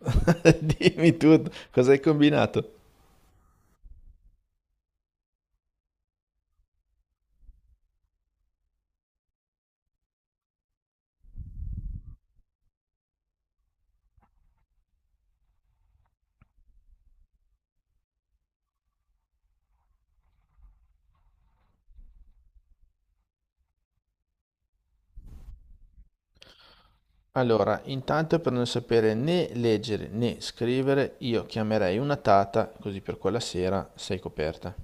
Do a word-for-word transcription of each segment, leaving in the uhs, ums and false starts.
Dimmi tutto, cosa hai combinato? Allora, intanto per non sapere né leggere né scrivere, io chiamerei una tata, così per quella sera sei coperta.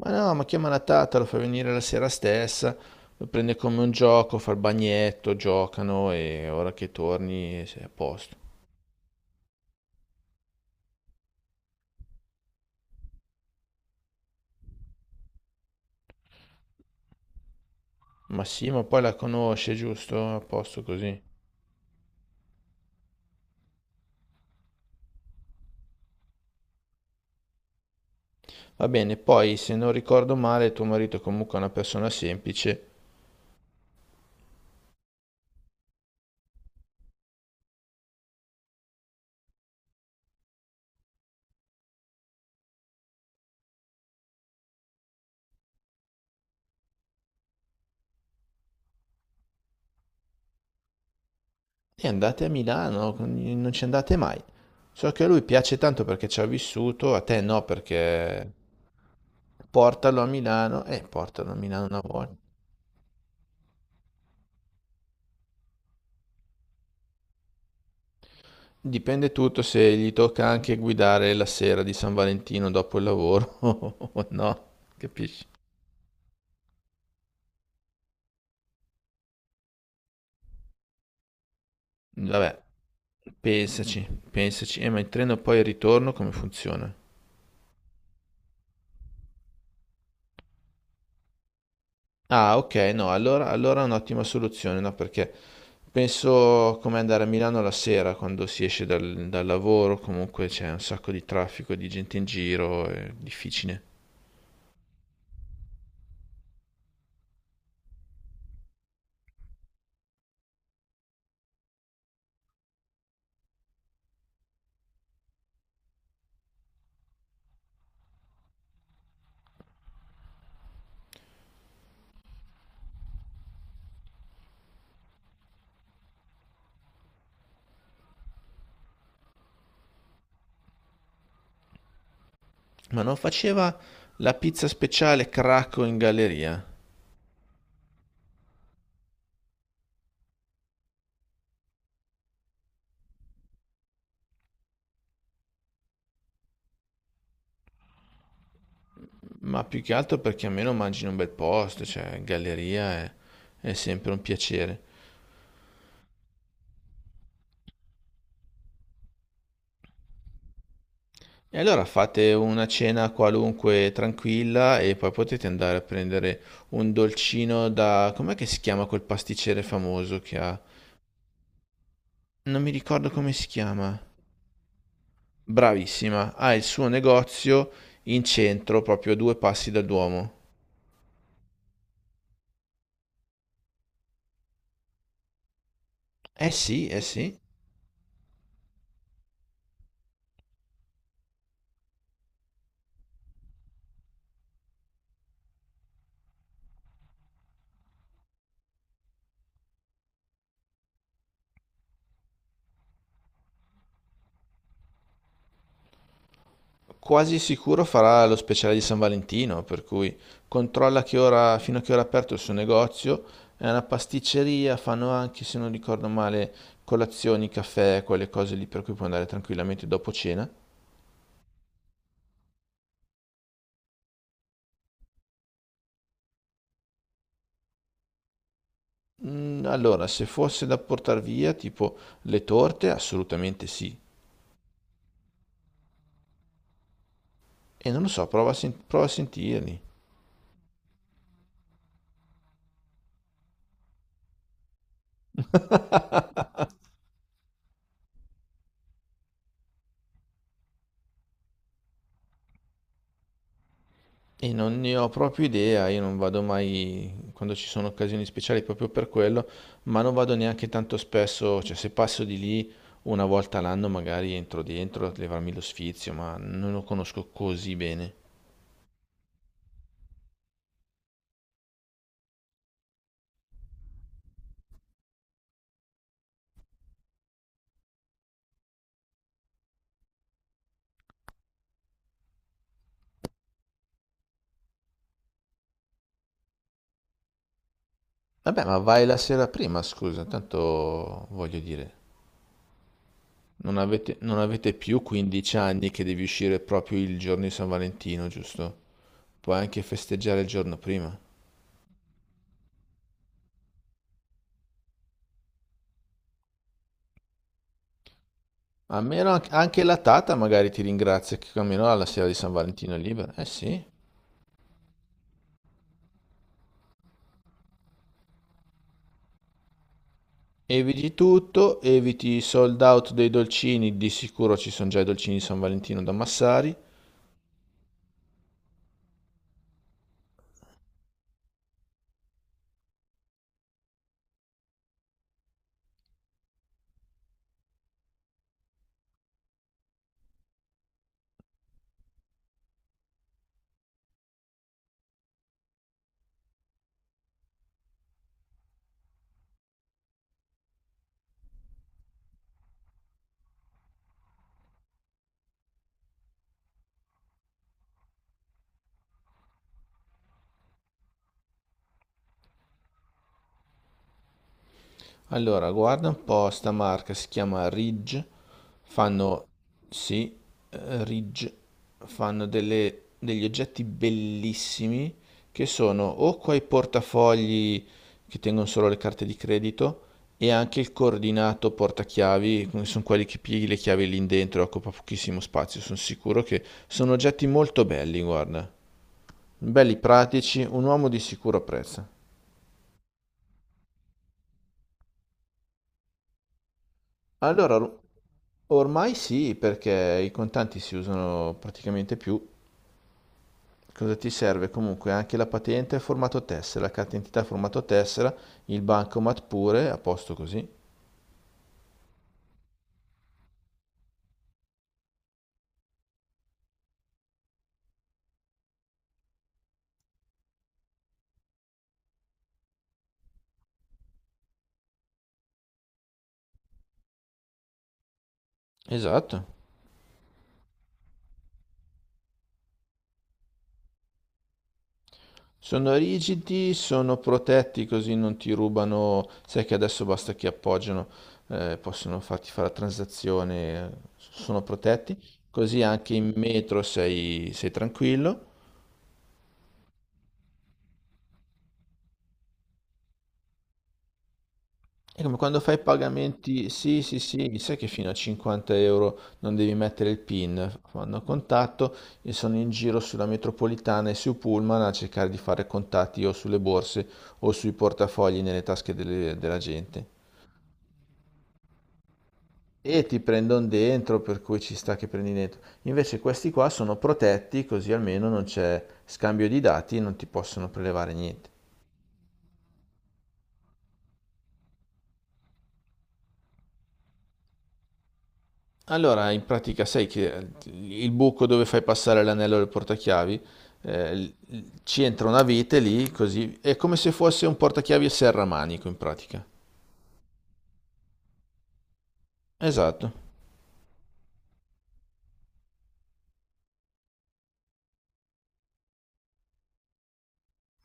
Ma no, ma chiama la tata, lo fa venire la sera stessa, lo prende come un gioco, fa il bagnetto, giocano e ora che torni sei a posto. Ma sì, ma poi la conosce, giusto? A posto così. Va bene, poi se non ricordo male, tuo marito è comunque una persona semplice. E andate a Milano, non ci andate mai. So che a lui piace tanto perché ci ha vissuto, a te no, perché portalo a Milano e eh, portalo a Milano una volta. Dipende tutto se gli tocca anche guidare la sera di San Valentino dopo il lavoro o no, capisci? Vabbè, pensaci, pensaci. Eh, ma il treno poi al ritorno come funziona? Ah, ok, no, allora, allora è un'ottima soluzione, no? Perché penso come andare a Milano la sera quando si esce dal, dal lavoro, comunque c'è un sacco di traffico, di gente in giro, è difficile. Ma non faceva la pizza speciale Cracco in galleria, ma più che altro perché almeno mangi in un bel posto, cioè galleria è è sempre un piacere. E allora fate una cena qualunque tranquilla e poi potete andare a prendere un dolcino da... Com'è che si chiama quel pasticcere famoso che ha? Non mi ricordo come si chiama. Bravissima, ha il suo negozio in centro, proprio a due passi dal Duomo. Eh sì, eh sì. Quasi sicuro farà lo speciale di San Valentino, per cui controlla che ora, fino a che ora è aperto il suo negozio. È una pasticceria, fanno anche, se non ricordo male, colazioni, caffè, quelle cose lì per cui puoi andare tranquillamente dopo cena. Mm, allora, se fosse da portare via, tipo le torte, assolutamente sì. E non lo so, prova a, sen- prova a sentirli. E non ne ho proprio idea, io non vado mai quando ci sono occasioni speciali proprio per quello, ma non vado neanche tanto spesso, cioè se passo di lì una volta all'anno magari entro dentro a levarmi lo sfizio, ma non lo conosco così bene. Vabbè, ma vai la sera prima, scusa, tanto voglio dire, non avete, non avete più quindici anni che devi uscire proprio il giorno di San Valentino, giusto? Puoi anche festeggiare il giorno prima. A meno anche anche la tata magari ti ringrazia che almeno alla sera di San Valentino è libera. Eh sì. Eviti tutto, eviti i sold out dei dolcini, di sicuro ci sono già i dolcini di San Valentino da Massari. Allora, guarda un po', sta marca si chiama Ridge, fanno, sì, eh, Ridge, fanno delle- degli oggetti bellissimi che sono o quei portafogli che tengono solo le carte di credito e anche il coordinato portachiavi, che sono quelli che pieghi le chiavi lì dentro, e occupa pochissimo spazio, sono sicuro che sono oggetti molto belli, guarda, belli pratici, un uomo di sicuro apprezza. Allora, or- ormai sì, perché i contanti si usano praticamente più. Cosa ti serve? Comunque anche la patente a formato tessera, la carta d'identità a formato tessera, il bancomat pure, a posto così. Esatto. Sono rigidi, sono protetti così non ti rubano. Sai che adesso basta che appoggiano, eh, possono farti fare la transazione, eh, sono protetti. Così anche in metro sei sei tranquillo. È come quando fai pagamenti, sì, sì, sì, sai che fino a cinquanta euro non devi mettere il PIN, fanno contatto e sono in giro sulla metropolitana e su Pullman a cercare di fare contatti o sulle borse o sui portafogli nelle tasche delle- della gente. E ti prendono dentro, per cui ci sta che prendi dentro. Invece questi qua sono protetti, così almeno non c'è scambio di dati e non ti possono prelevare niente. Allora, in pratica sai che eh, il buco dove fai passare l'anello del portachiavi, eh, l- l- ci entra una vite lì, così è come se fosse un portachiavi a serramanico in pratica. Esatto.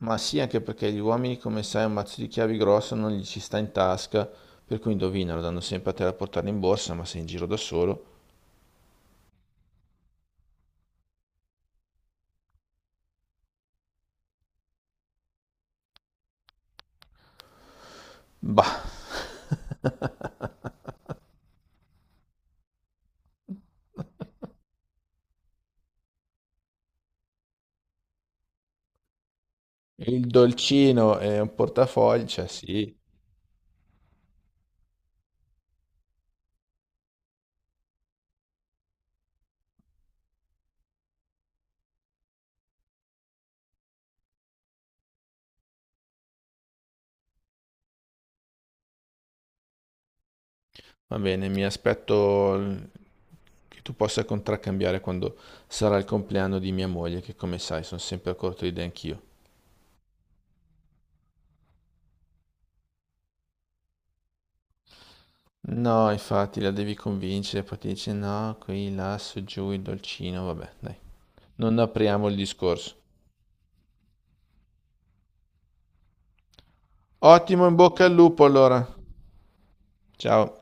Ma sì, anche perché gli uomini, come sai, un mazzo di chiavi grosso non gli ci sta in tasca, per cui indovinano, danno sempre a te da portare in borsa, ma sei in giro da solo. Bah, il dolcino e un portafoglio, cioè sì. Va bene, mi aspetto l- che tu possa contraccambiare quando sarà il compleanno di mia moglie, che come sai sono sempre a corto di idee anch'io. No, infatti la devi convincere, poi ti dice no, qui, là, su, giù, il dolcino, vabbè, dai. Non apriamo il discorso. Ottimo, in bocca al lupo allora. Ciao.